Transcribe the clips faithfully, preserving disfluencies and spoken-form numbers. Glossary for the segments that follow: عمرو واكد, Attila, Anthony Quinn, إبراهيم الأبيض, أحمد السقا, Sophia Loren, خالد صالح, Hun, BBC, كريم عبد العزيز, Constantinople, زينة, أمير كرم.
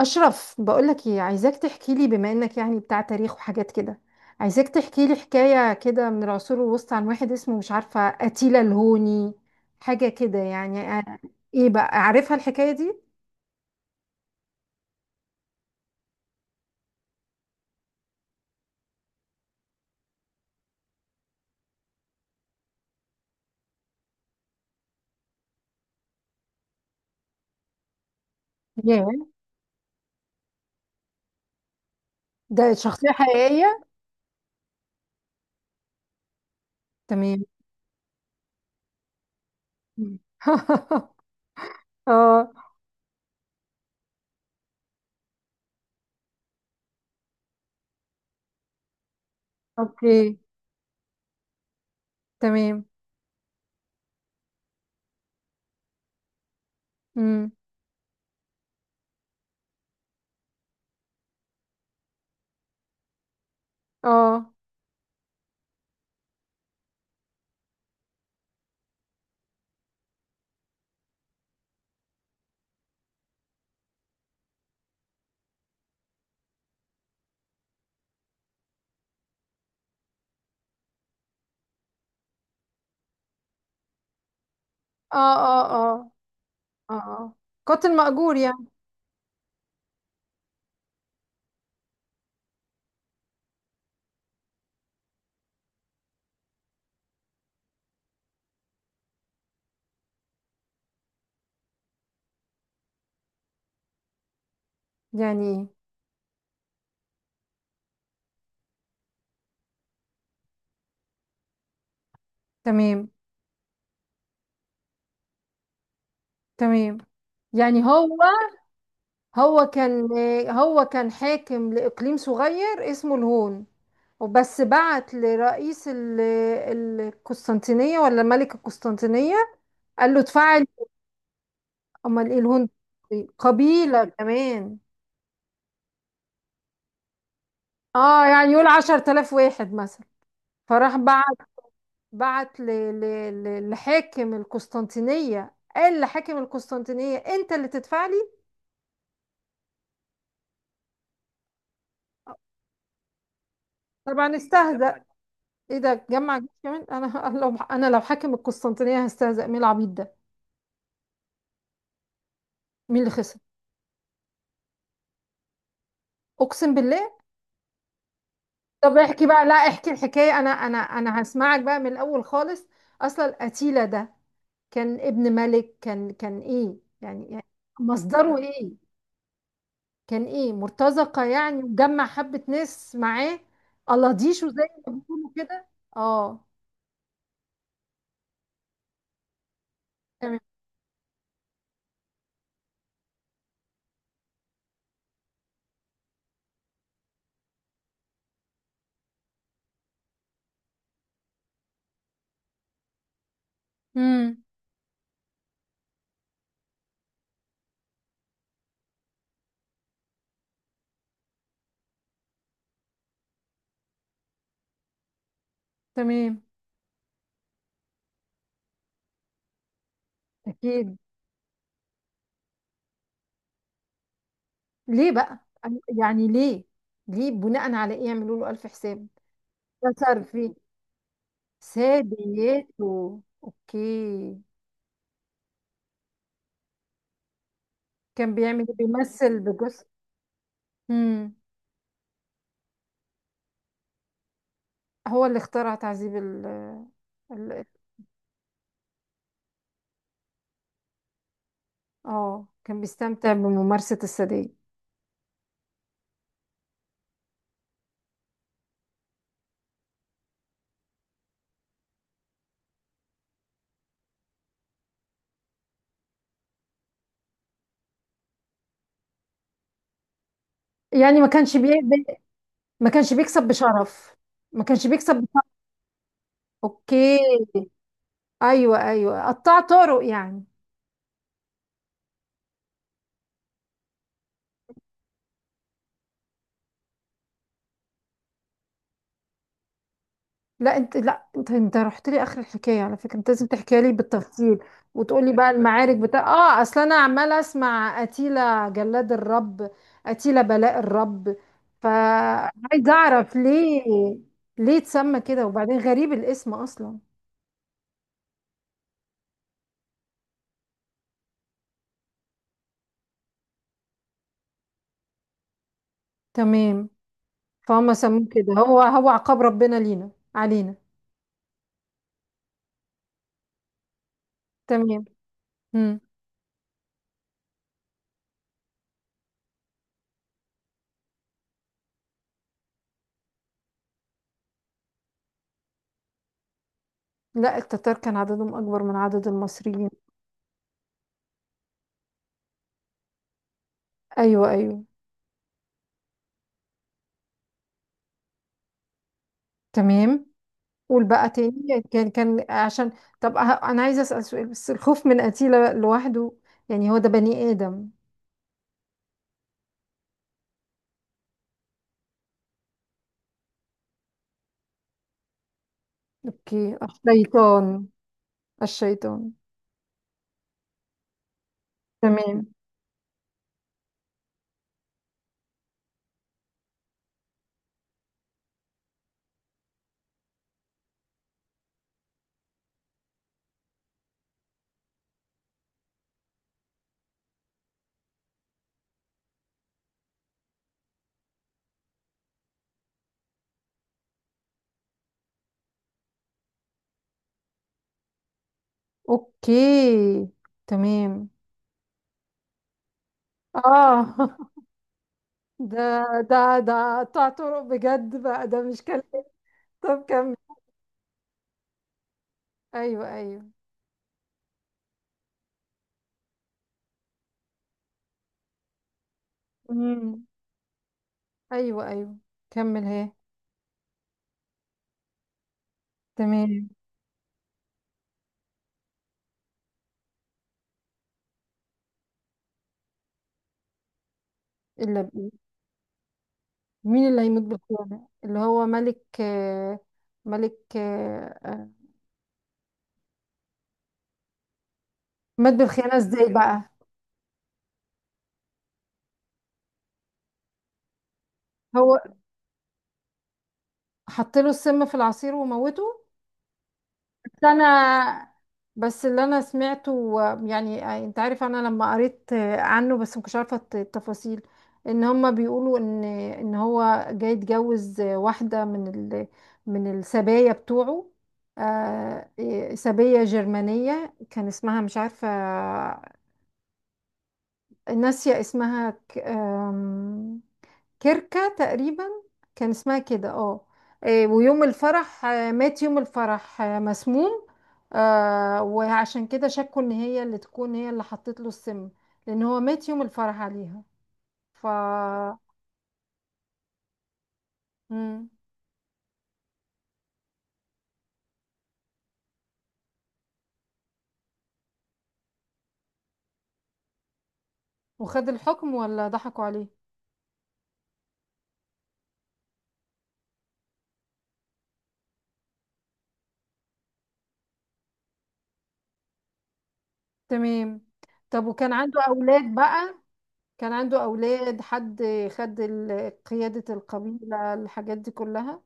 أشرف، بقولك إيه؟ عايزاك تحكي لي، بما إنك يعني بتاع تاريخ وحاجات كده. عايزاك تحكي لي حكاية كده من العصور الوسطى عن واحد اسمه، مش عارفة، أتيلا الهوني، حاجة كده. يعني آه، إيه بقى، عارفها الحكاية دي؟ ياه، ده شخصية حقيقية؟ تمام. اه. اوكي. تمام. امم. اه، اه، اه، اه، اه، آه. قاتل مأجور يعني؟ يعني ايه؟ تمام. تمام. يعني هو، هو كان هو كان حاكم لإقليم صغير اسمه الهون، وبس بعت لرئيس ال- القسطنطينية، ولا ملك القسطنطينية، قال له اتفعل. امال ايه الهون دي؟ قبيلة كمان؟ اه. يعني يقول عشر تلاف واحد مثلا. فراح بعت بعت ل- ل- ل- لحاكم القسطنطينية، قال لحاكم القسطنطينية انت اللي تدفع لي. طبعا استهزأ. ايه ده، جمع جيش كمان؟ انا لو انا، لو حاكم القسطنطينية، هستهزأ، مين العبيط ده؟ مين اللي خسر؟ اقسم بالله. طب احكي بقى، لا احكي الحكايه انا انا انا هسمعك بقى من الاول خالص. اصلا اتيلا ده كان ابن ملك، كان كان ايه يعني؟ يعني مصدره ايه؟ كان ايه، مرتزقه يعني، وجمع حبه ناس معاه؟ الاضيشه زي ما بيقولوا كده. اه. تمام. امم. تمام. اكيد. ليه بقى؟ يعني ليه؟ ليه، بناء على ايه يعملوا له الف حساب؟ ده صار فيه سادياته. اوكي. كان بيعمل إيه؟ بيمثل بجزء؟ امم. هو اللي اخترع تعذيب ال ال- اه؟ كان بيستمتع بممارسة السادية؟ يعني ما كانش بي... بي- ما كانش بيكسب بشرف؟ ما كانش بيكسب بشرف؟ اوكي. ايوه، ايوه، قطع طرق يعني. لا انت، لا انت انت رحت لي اخر الحكايه على فكره، انت لازم تحكيها لي بالتفصيل، وتقولي بقى المعارك بتاع، اه، اصل انا عماله اسمع اتيلا جلاد الرب، اتيلا بلاء الرب، فعايزه اعرف ليه، ليه اتسمى كده؟ وبعدين غريب الاسم اصلا. تمام. فهم سموه كده، هو هو عقاب ربنا لينا علينا. تمام. مم. لا، التتار كان عددهم اكبر من عدد المصريين. ايوه، ايوه. تمام. قول بقى تاني، كان كان عشان. طب، أه- انا عايزه اسال سؤال، بس الخوف من قتيله لوحده؟ يعني هو ده بني ادم؟ اوكي، الشيطان. الشيطان. تمام. اوكي. تمام. اه. ده ده ده قطع طرق بجد بقى، ده مش كلام. طب كمل. ايوه، ايوه. امم. ايوه، ايوه، كمل هي. تمام. الا بايه؟ مين اللي هيموت بالخيانه؟ اللي هو ملك، آه، ملك؟ مات بالخيانة ازاي بقى؟ هو حط له السم في العصير وموته؟ بس انا بس اللي انا سمعته و- يعني آه، انت عارف، انا لما قريت عنه، بس ما كنتش عارفة الت- التفاصيل، ان هما بيقولوا ان، ان هو جاي يتجوز واحدة من ال من السبايا بتوعه. آه، إيه، سبية جرمانية، كان اسمها، مش عارفة، ناسية اسمها، ك- آم، كركة تقريبا، كان اسمها كده، اه. آه، ويوم الفرح، آه، مات يوم الفرح، آه، مسموم. آه، وعشان كده شكوا ان هي اللي تكون، هي اللي حطت له السم، لان هو مات يوم الفرح عليها. ف مم. وخد الحكم ولا ضحكوا عليه؟ تمام. طب، وكان عنده اولاد بقى؟ كان عنده اولاد، حد خد ال- قيادة القبيلة، الحاجات دي كلها؟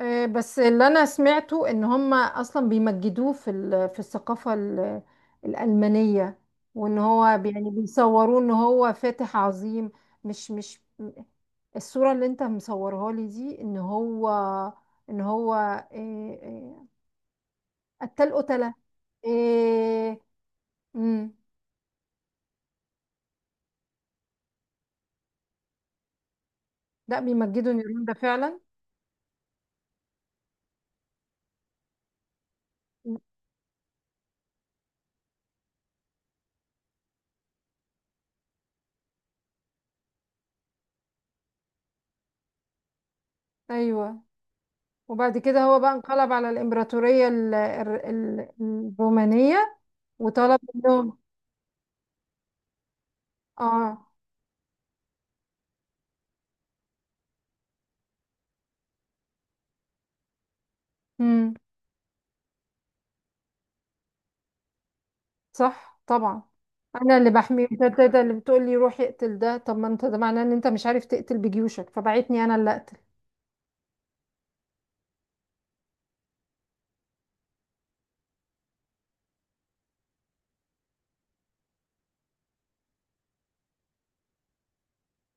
آه، بس اللي انا سمعته ان هم اصلا بيمجدوه في ال- في الثقافة ال- الألمانية، وان هو يعني بيصوروه ان هو فاتح عظيم. مش مش الصورة اللي انت مصورها لي دي، ان هو، ان هو، إيه إيه قتال، قتلة. إيه. مم. لا، بيمجدوا نيرون ده فعلا. مم. ايوه. وبعد كده هو بقى انقلب على الامبراطورية ال- ال- ال- الرومانية، وطلب منهم. اه. امم. صح طبعا. انا اللي بحميه، انت أنت أنت اللي بتقولي روح اقتل ده. طب ما انت، ده معناه ان انت مش عارف تقتل بجيوشك، فبعتني انا اللي اقتل.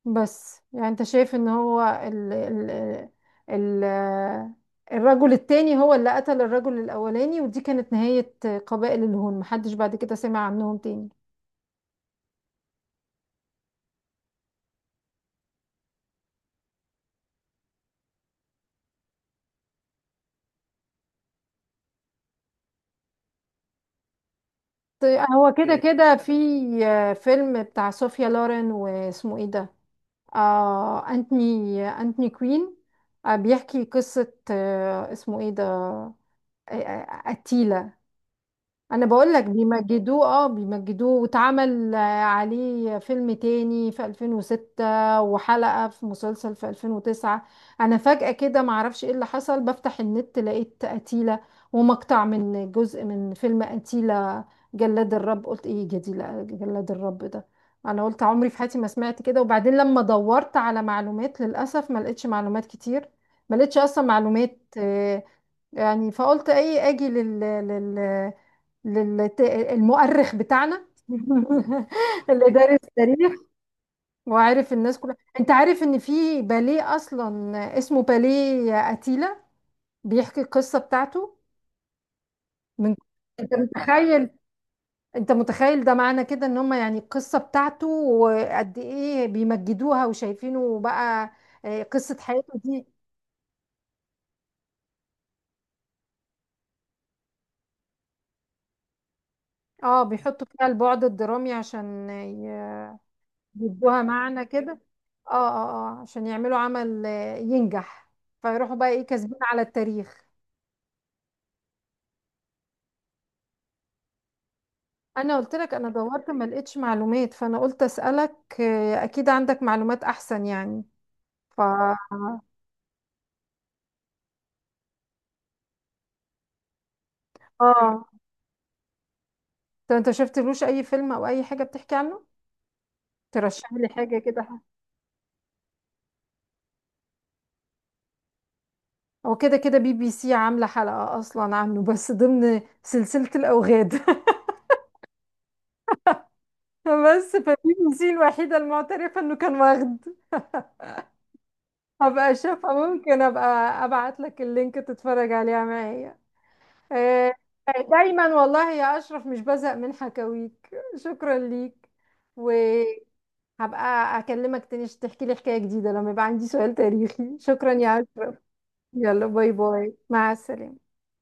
بس يعني انت شايف ان هو ال ال ال الرجل التاني هو اللي قتل الرجل الاولاني، ودي كانت نهاية قبائل الهون، محدش بعد كده سمع عنهم تاني؟ طيب، هو كده إيه. كده في فيلم بتاع صوفيا لورين، واسمه ايه ده، آه، أنتوني أنتوني كوين، آه، بيحكي قصة، آه اسمه ايه ده، آه آه، قتيلة. انا بقول لك بيمجدوه، اه بيمجدوه واتعمل، آه، عليه فيلم تاني في ألفين وستة، وحلقة في مسلسل في ألفين وتسعة. انا فجأة كده معرفش ايه اللي حصل، بفتح النت لقيت قتيلة، ومقطع من جزء من فيلم قتيلة جلاد الرب، قلت ايه جديلة جلاد الرب ده؟ انا قلت عمري في حياتي ما سمعت كده. وبعدين لما دورت على معلومات، للاسف ما لقيتش معلومات كتير، ما لقيتش اصلا معلومات، آه، يعني، فقلت ايه، اجي لل لل لل المؤرخ بتاعنا. اللي دارس تاريخ وعارف الناس كلها. انت عارف ان في باليه اصلا اسمه باليه اتيلا، بيحكي القصه بتاعته من انت متخيل؟ انت متخيل، ده معنى كده ان هم يعني القصه بتاعته، وقد ايه بيمجدوها وشايفينه بقى، آه، قصه حياته دي. اه، بيحطوا فيها البعد الدرامي عشان يدوها معنى كده. اه اه اه عشان يعملوا عمل، آه، ينجح، فيروحوا بقى ايه، كاسبين على التاريخ. انا قلت لك انا دورت ما لقيتش معلومات، فانا قلت اسالك، آه، اكيد عندك معلومات احسن يعني. ف اه طب انت شفتلوش اي فيلم او اي حاجه بتحكي عنه؟ ترشح لي حاجه كده. هو كده كده بي بي سي عامله حلقه اصلا عنه، بس ضمن سلسله الاوغاد. بس فبي بي سي الوحيده المعترفه انه كان واخد. هبقى اشوفها، ممكن ابقى ابعت لك اللينك تتفرج عليها معايا. آه، دايما والله يا اشرف مش بزهق من حكاويك، شكرا ليك. وهبقى اكلمك تاني عشان تحكي لي حكاية جديدة لما يبقى عندي سؤال تاريخي. شكرا يا اشرف. يلا، باي باي، مع السلامة.